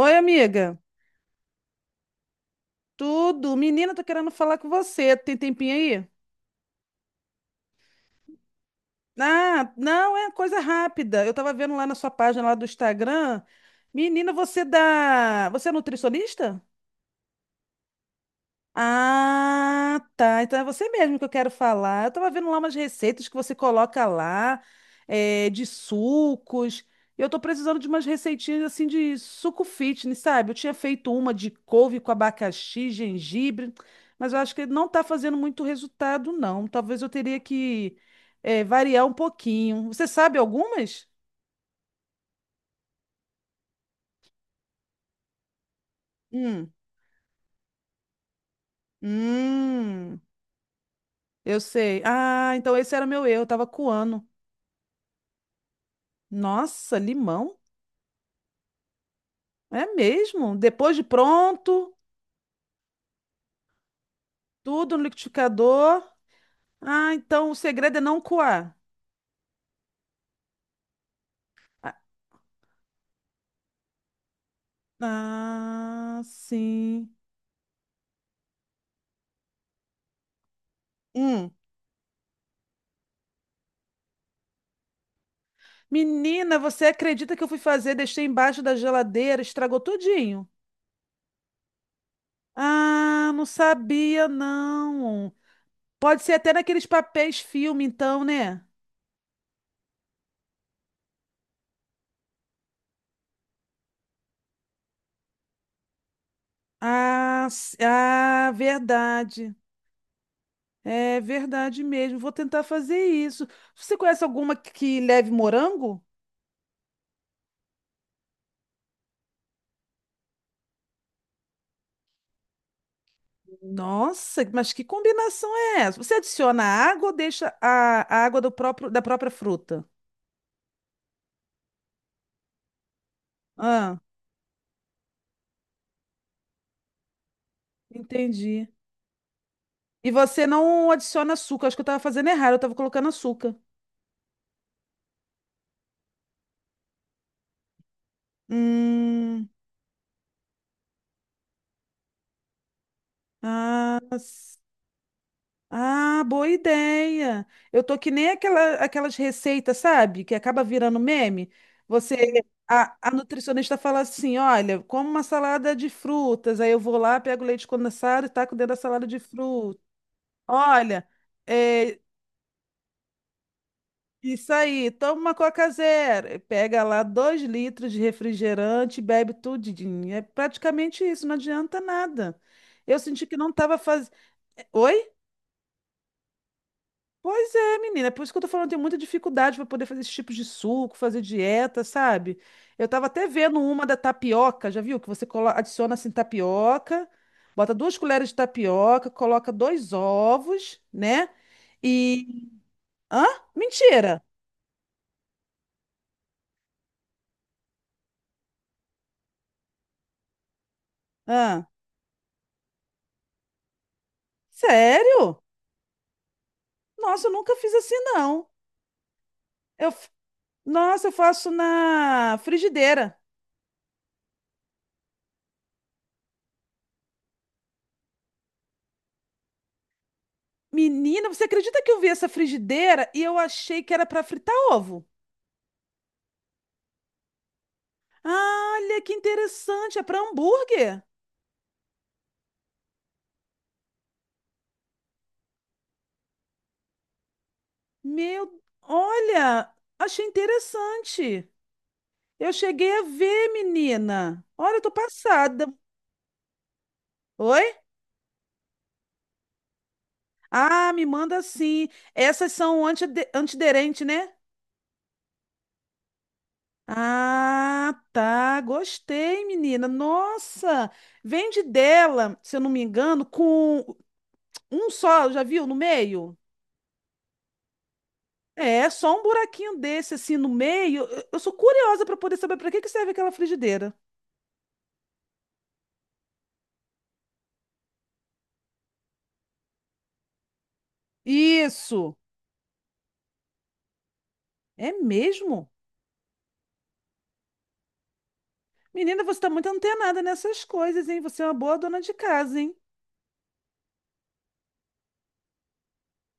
Oi, amiga. Tudo? Menina, tô querendo falar com você. Tem tempinho aí? Ah, não, é coisa rápida. Eu tava vendo lá na sua página lá do Instagram. Menina, você dá. Você é nutricionista? Ah, tá. Então é você mesmo que eu quero falar. Eu tava vendo lá umas receitas que você coloca lá, de sucos. Eu tô precisando de umas receitinhas assim de suco fitness, sabe? Eu tinha feito uma de couve com abacaxi, gengibre, mas eu acho que não tá fazendo muito resultado, não. Talvez eu teria que, variar um pouquinho. Você sabe algumas? Hum. Hum. Eu sei. Ah, então esse era meu Eu tava coando. Nossa, limão? É mesmo? Depois de pronto, tudo no liquidificador. Ah, então o segredo é não coar. Ah, ah, sim. Hum. Menina, você acredita que eu fui fazer, deixei embaixo da geladeira, estragou tudinho? Ah, não sabia, não. Pode ser até naqueles papéis filme, então, né? Ah, verdade. É verdade mesmo. Vou tentar fazer isso. Você conhece alguma que leve morango? Nossa, mas que combinação é essa? Você adiciona água ou deixa a água do próprio, da própria fruta? Ah, entendi. E você não adiciona açúcar. Acho que eu estava fazendo errado, eu estava colocando açúcar. Hum, ah, s- ah, boa ideia. Eu tô que nem aquela, aquelas receitas, sabe? Que acaba virando meme. Você, a nutricionista fala assim: olha, como uma salada de frutas. Aí eu vou lá, pego leite condensado e taco dentro da salada de frutas. Olha, é, isso aí, toma uma Coca Zero, pega lá dois litros de refrigerante e bebe tudinho. É praticamente isso, não adianta nada. Eu senti que não estava fazendo. Oi? Pois é, menina, é por isso que eu tô falando, eu tenho muita dificuldade para poder fazer esse tipo de suco, fazer dieta, sabe? Eu tava até vendo uma da tapioca, já viu? Que você adiciona assim tapioca, bota duas colheres de tapioca, coloca dois ovos, né? E. Hã? Mentira! Hã? Sério? Nossa, eu nunca fiz assim, não. Eu, f- nossa, eu faço na frigideira. Menina, você acredita que eu vi essa frigideira e eu achei que era para fritar ovo? Ah, olha que interessante, é para hambúrguer. Meu, olha, achei interessante. Eu cheguei a ver, menina. Olha, eu tô passada. Oi? Ah, me manda sim. Essas são antiderente, né? Ah, tá. Gostei, menina. Nossa, vende dela, se eu não me engano, com um só, já viu, no meio? É, só um buraquinho desse assim no meio. Eu sou curiosa para poder saber para que serve aquela frigideira. Isso. É mesmo? Menina, você tá muito antenada nessas coisas, hein? Você é uma boa dona de casa, hein?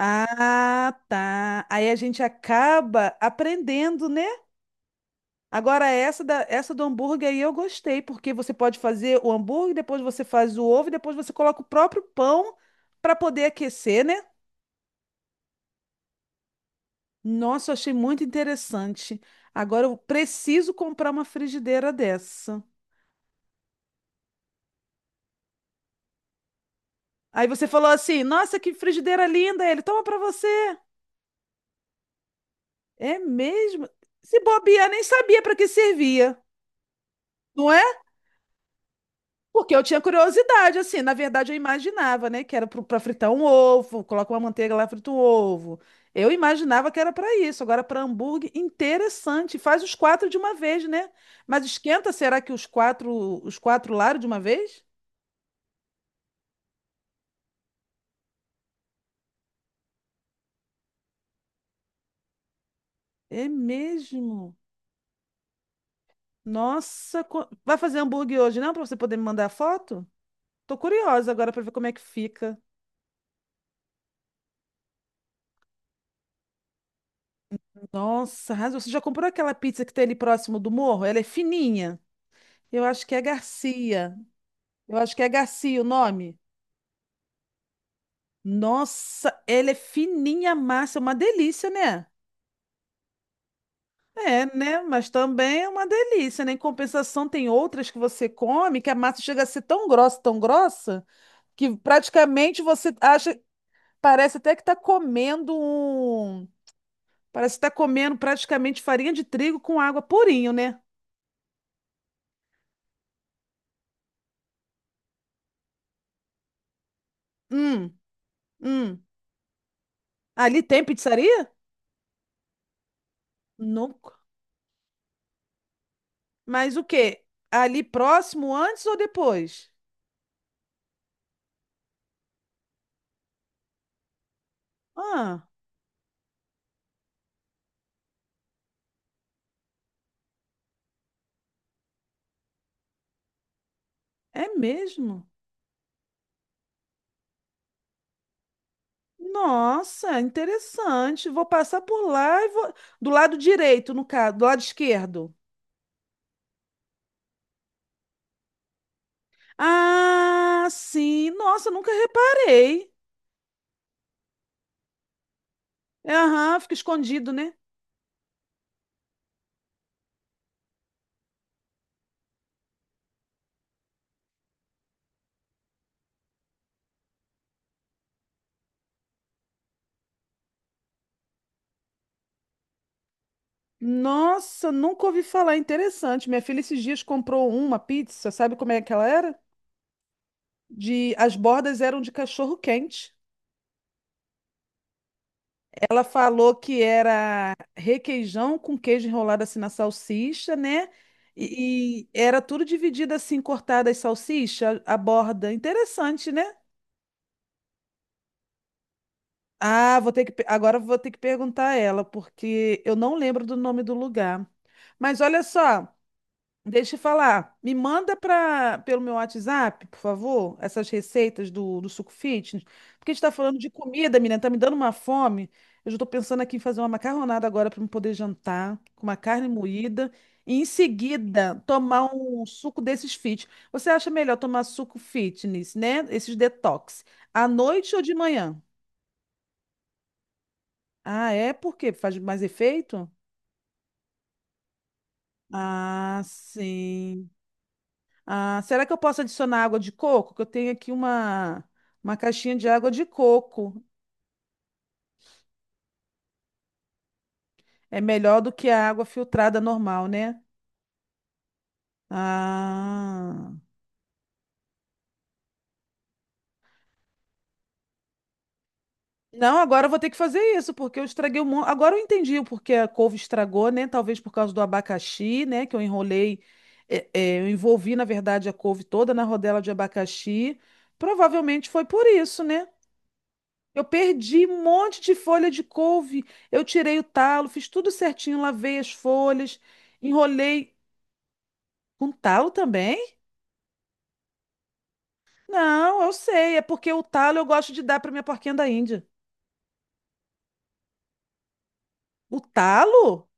Ah, tá. Aí a gente acaba aprendendo, né? Agora, essa, da, essa do hambúrguer aí eu gostei, porque você pode fazer o hambúrguer, depois você faz o ovo, e depois você coloca o próprio pão para poder aquecer, né? Nossa, eu achei muito interessante. Agora eu preciso comprar uma frigideira dessa. Aí você falou assim: nossa, que frigideira linda! Ele toma para você. É mesmo? Se bobear, nem sabia para que servia, não é? Porque eu tinha curiosidade, assim, na verdade eu imaginava, né, que era pra fritar um ovo, coloca uma manteiga lá, frita um ovo. Eu imaginava que era pra isso. Agora, pra hambúrguer, interessante. Faz os quatro de uma vez, né? Mas esquenta, será que os quatro lados de uma vez? É mesmo. Nossa, vai fazer hambúrguer hoje, não? Pra você poder me mandar a foto? Tô curiosa agora pra ver como é que fica. Nossa, arrasou. Você já comprou aquela pizza que tem ali próximo do morro? Ela é fininha. Eu acho que é Garcia. Eu acho que é Garcia o nome. Nossa, ela é fininha a massa, é uma delícia, né? É, né? Mas também é uma delícia, né? Em compensação, tem outras que você come que a massa chega a ser tão grossa, que praticamente você acha, parece até que tá comendo um, parece que tá comendo praticamente farinha de trigo com água purinho, né? Hum, hum. Ali tem pizzaria? Nunca. Mas o quê? Ali próximo, antes ou depois? Ah. É mesmo? Nossa, interessante. Vou passar por lá e vou. Do lado direito, no caso, do lado esquerdo. Ah, sim. Nossa, nunca reparei. É, aham, fica escondido, né? Nossa, nunca ouvi falar. Interessante. Minha filha esses dias comprou uma pizza, sabe como é que ela era? De... As bordas eram de cachorro quente. Ela falou que era requeijão com queijo enrolado assim na salsicha, né? E era tudo dividido assim, cortada as salsicha, a borda. Interessante, né? Ah, vou ter agora vou ter que perguntar a ela, porque eu não lembro do nome do lugar. Mas olha só. Deixa eu falar. Me manda pra, pelo meu WhatsApp, por favor, essas receitas do Suco Fitness. Porque a gente tá falando de comida, menina, tá me dando uma fome. Eu já tô pensando aqui em fazer uma macarronada agora para eu poder jantar, com uma carne moída. E em seguida, tomar um suco desses fit. Você acha melhor tomar suco fitness, né? Esses detox. À noite ou de manhã? Ah, é? Por quê? Faz mais efeito? Ah, sim. Ah, será que eu posso adicionar água de coco? Que eu tenho aqui uma caixinha de água de coco. É melhor do que a água filtrada normal, né? Ah. Não, agora eu vou ter que fazer isso, porque eu estraguei um monte. Agora eu entendi o porquê a couve estragou, né? Talvez por causa do abacaxi, né? Que eu enrolei. Eu envolvi, na verdade, a couve toda na rodela de abacaxi. Provavelmente foi por isso, né? Eu perdi um monte de folha de couve. Eu tirei o talo, fiz tudo certinho, lavei as folhas, enrolei com talo também? Não, eu sei, é porque o talo eu gosto de dar para minha porquinha da Índia. O talo?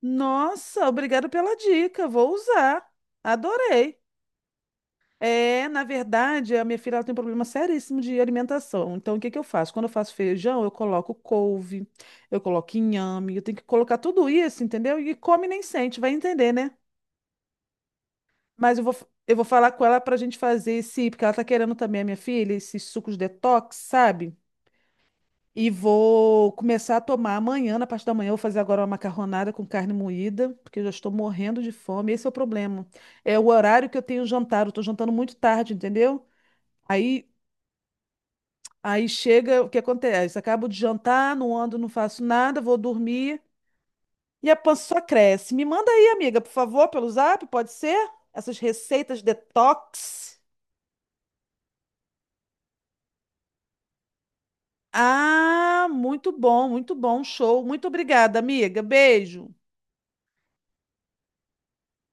Nossa, obrigado pela dica, vou usar. Adorei. É, na verdade, a minha filha ela tem um problema seríssimo de alimentação. Então, o que que eu faço? Quando eu faço feijão, eu coloco couve, eu coloco inhame, eu tenho que colocar tudo isso, entendeu? E come nem sente, vai entender, né? Mas eu vou, eu vou falar com ela pra gente fazer esse, porque ela tá querendo também, a minha filha, esses sucos detox, sabe? E vou começar a tomar amanhã, na parte da manhã, eu vou fazer agora uma macarronada com carne moída, porque eu já estou morrendo de fome. Esse é o problema. É o horário que eu tenho jantar, eu tô jantando muito tarde, entendeu? Aí, aí chega, o que acontece? Acabo de jantar, não ando, não faço nada, vou dormir e a pança só cresce. Me manda aí, amiga, por favor, pelo zap, pode ser? Essas receitas detox. Ah, muito bom, show. Muito obrigada, amiga. Beijo.